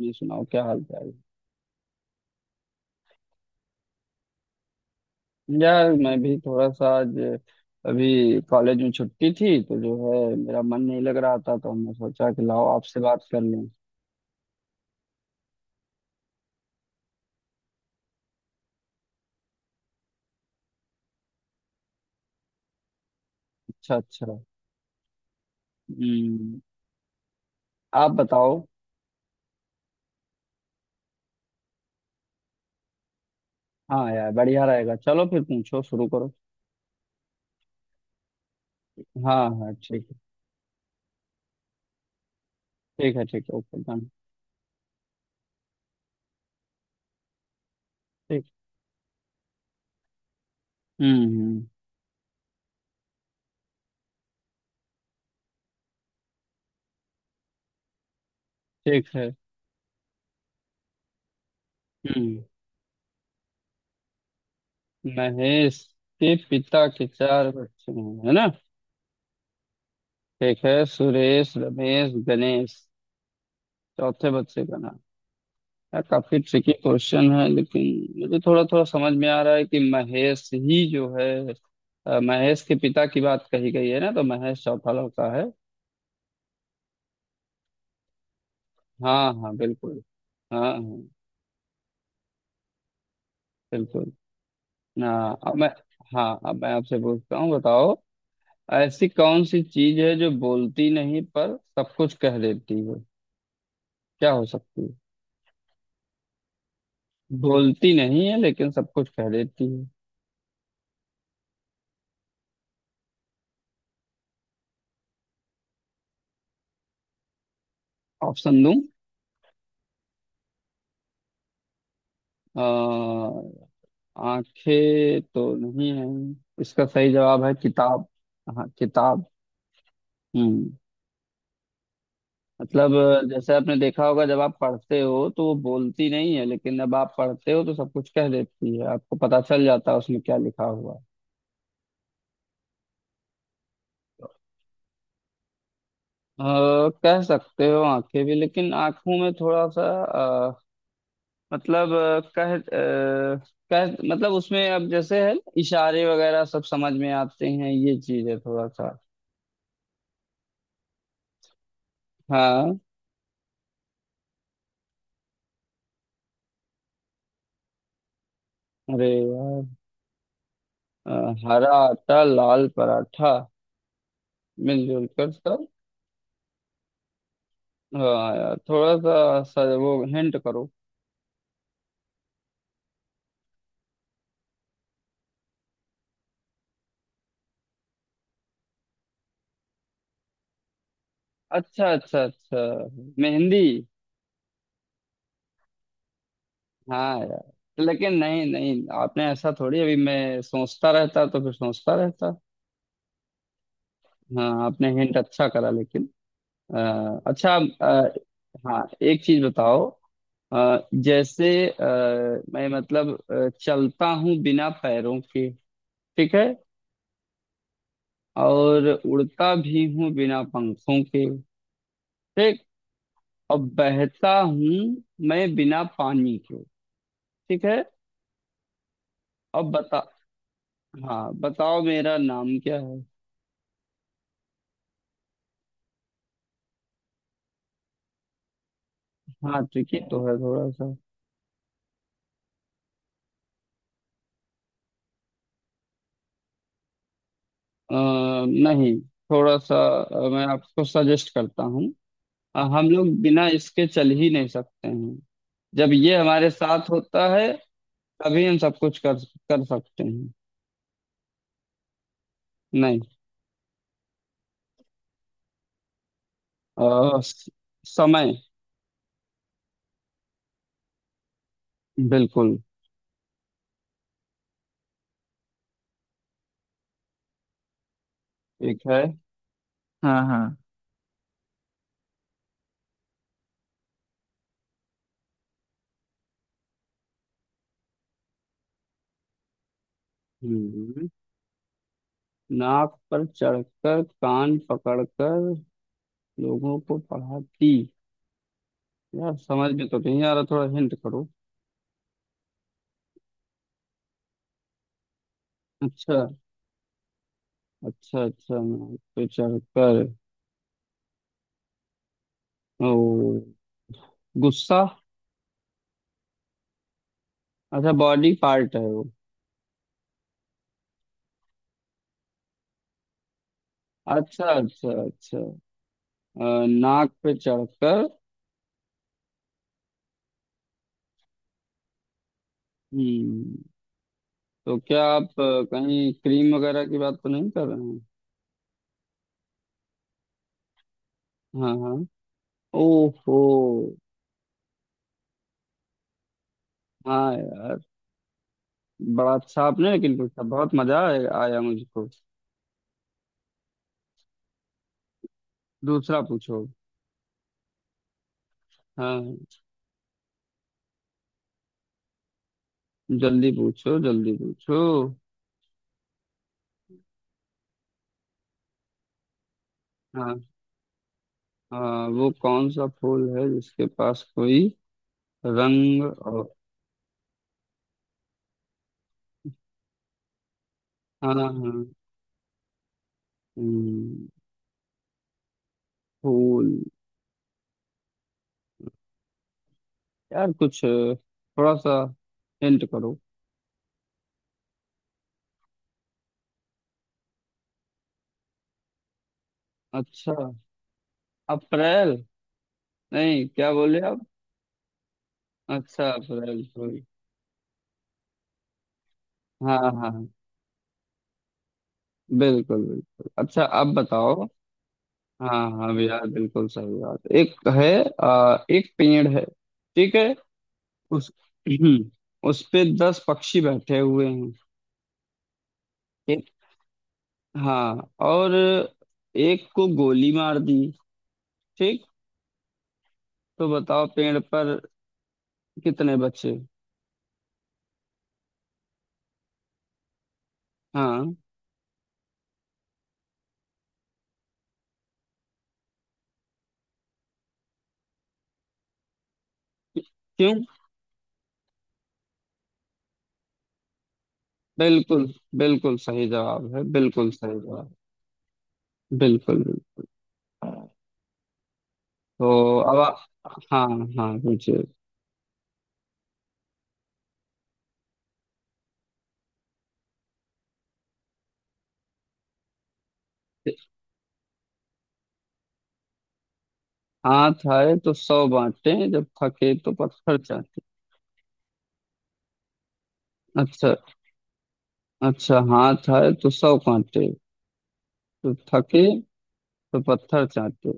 ये सुनाओ क्या हाल चाल है? यार मैं भी थोड़ा सा आज अभी कॉलेज में छुट्टी थी, तो जो है मेरा मन नहीं लग रहा था, तो हमने सोचा कि लाओ आपसे बात कर लें। अच्छा अच्छा। हम्म। आप बताओ। हाँ यार बढ़िया रहेगा, चलो फिर पूछो शुरू करो। हाँ हाँ ठीक है। ठीक है ठीक है ओके डन। ठीक। हम्म। ठीक है। हम्म। महेश के पिता के चार बच्चे हैं, है ना? ठीक है। सुरेश रमेश गणेश। चौथे बच्चे का नाम। यार काफी ट्रिकी क्वेश्चन है, लेकिन मुझे थोड़ा थोड़ा समझ में आ रहा है कि महेश ही जो है। महेश के पिता की बात कही गई है ना, तो महेश चौथा लड़का है। हाँ हाँ बिल्कुल। हाँ हाँ बिल्कुल। हाँ अब मैं हाँ अब मैं आपसे पूछता हूँ बताओ। ऐसी कौन सी चीज है जो बोलती नहीं पर सब कुछ कह देती है? क्या हो सकती है? बोलती नहीं है लेकिन सब कुछ कह देती है। ऑप्शन दूं? आंखें तो नहीं है। इसका सही जवाब है किताब। हाँ किताब। हम्म। मतलब जैसे आपने देखा होगा, जब आप पढ़ते हो तो वो बोलती नहीं है, लेकिन जब आप पढ़ते हो तो सब कुछ कह देती है, आपको पता चल जाता है उसमें क्या लिखा हुआ है। कह सकते हो आंखें भी, लेकिन आंखों में थोड़ा सा मतलब कह मतलब उसमें अब जैसे है ना, इशारे वगैरह सब समझ में आते हैं, ये चीज है थोड़ा सा। हाँ। अरे यार। अ, हरा आटा लाल पराठा मिलजुल कर सब। हाँ यार थोड़ा सा सर वो हिंट करो। अच्छा अच्छा अच्छा। मेहंदी। हाँ यार। लेकिन नहीं नहीं आपने ऐसा थोड़ी, अभी मैं सोचता रहता तो फिर सोचता रहता। हाँ आपने हिंट अच्छा करा लेकिन अच्छा। अ, हाँ एक चीज बताओ। अ, जैसे अ, मैं मतलब चलता हूँ बिना पैरों के। ठीक है। और उड़ता भी हूँ बिना पंखों के। ठीक। अब बहता हूँ मैं बिना पानी के। ठीक है। अब बता। हाँ बताओ, मेरा नाम क्या है? हाँ ट्रिकी तो है थोड़ा सा। नहीं। थोड़ा सा मैं आपको सजेस्ट करता हूँ। हम लोग बिना इसके चल ही नहीं सकते हैं, जब ये हमारे साथ होता है तभी हम सब कुछ कर कर सकते हैं। नहीं। अ, स- समय। बिल्कुल। ठीक है। हाँ हाँ। नाक पर चढ़कर कान पकड़कर लोगों को पढ़ाती। यार समझ में तो नहीं आ रहा, थोड़ा हिंट करो। अच्छा अच्छा अच्छा। नाक पे चढ़कर ओ गुस्सा। अच्छा बॉडी पार्ट है वो। अच्छा अच्छा अच्छा। नाक पे चढ़कर। हम्म। तो क्या आप कहीं क्रीम वगैरह की बात तो नहीं कर रहे हैं? हाँ हाँ। ओहो। हाँ यार, बड़ा अच्छा आपने लेकिन पूछा, बहुत मजा आया आया मुझको। दूसरा पूछो। हाँ जल्दी पूछो जल्दी पूछो। हाँ हाँ वो कौन सा फूल है जिसके पास कोई रंग और। हाँ हाँ। हम्म, फूल, यार कुछ थोड़ा सा हिंट करो। अच्छा। अप्रैल। नहीं, क्या बोले आप? अच्छा अप्रैल फूल। हाँ हाँ बिल्कुल बिल्कुल। अच्छा अब बताओ। हाँ हाँ यार बिल्कुल सही बात। एक है एक पेड़ है। ठीक है। उस हम्म, उस पे 10 पक्षी बैठे हुए हैं। एक। हाँ और एक को गोली मार दी। ठीक। तो बताओ पेड़ पर कितने बचे? हाँ। क्यों? बिल्कुल। बिल्कुल सही जवाब है, बिल्कुल सही जवाब। बिल्कुल बिल्कुल। तो अब हाँ। हाँ पूछिए। हाथ आए तो 100 बांटे जब थके तो पत्थर चाटे। अच्छा अच्छा हाथ आए तो 100 काटे तो थके तो पत्थर चाटे।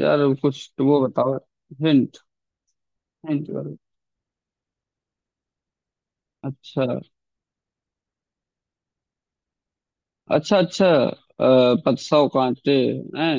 यार कुछ तो वो बताओ। हिंट। हिंट करो। अच्छा अच्छा अच्छा पत 100 कांटे हैं,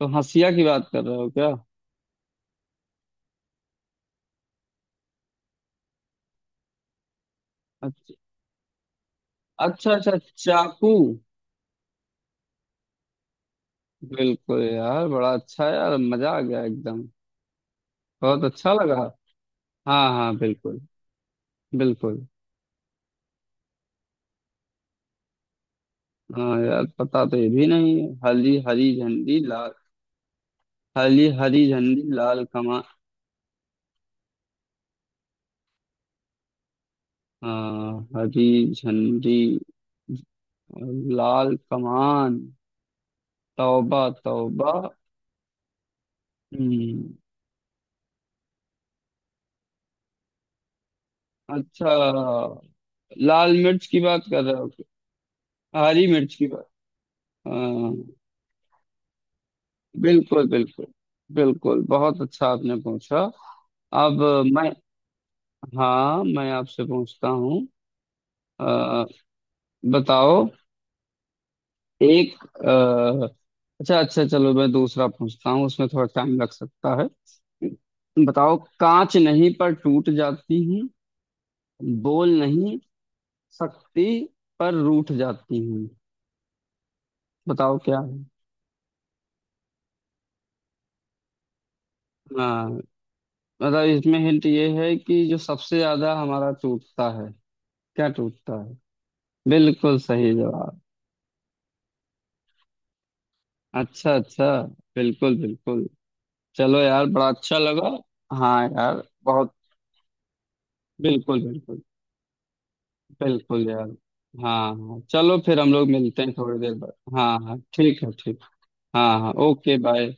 तो हंसिया की बात कर रहे हो क्या? अच्छा अच्छा अच्छा। चाकू। बिल्कुल यार बड़ा अच्छा, यार मजा आ गया एकदम। बहुत अच्छा लगा। हाँ हाँ बिल्कुल। बिल्कुल। हाँ यार पता तो ये भी नहीं है, हली हरी झंडी लाल। हली हरी झंडी लाल कमान। हाँ हरी झंडी और लाल कमान तौबा तौबा। हम्म। अच्छा, लाल मिर्च की बात कर रहे हो क्या? हरी मिर्च की बात। हाँ। बिल्कुल बिल्कुल बिल्कुल बहुत अच्छा आपने पूछा। अब मैं। हाँ मैं आपसे पूछता हूँ। अ, बताओ एक। अ, अच्छा अच्छा चलो मैं दूसरा पूछता हूँ, उसमें थोड़ा टाइम लग सकता है। बताओ कांच नहीं पर टूट जाती हूँ, बोल नहीं सकती पर रूठ जाती हूँ, बताओ क्या है? हाँ मतलब इसमें हिंट ये है कि जो सबसे ज्यादा हमारा टूटता है। क्या टूटता है? बिल्कुल सही जवाब। अच्छा अच्छा। बिल्कुल बिल्कुल। चलो यार बड़ा अच्छा लगा। हाँ यार बहुत। बिल्कुल बिल्कुल। बिल्कुल यार। हाँ हाँ चलो फिर हम लोग मिलते हैं थोड़ी देर बाद। हाँ हाँ ठीक है ठीक। हाँ हाँ ओके बाय।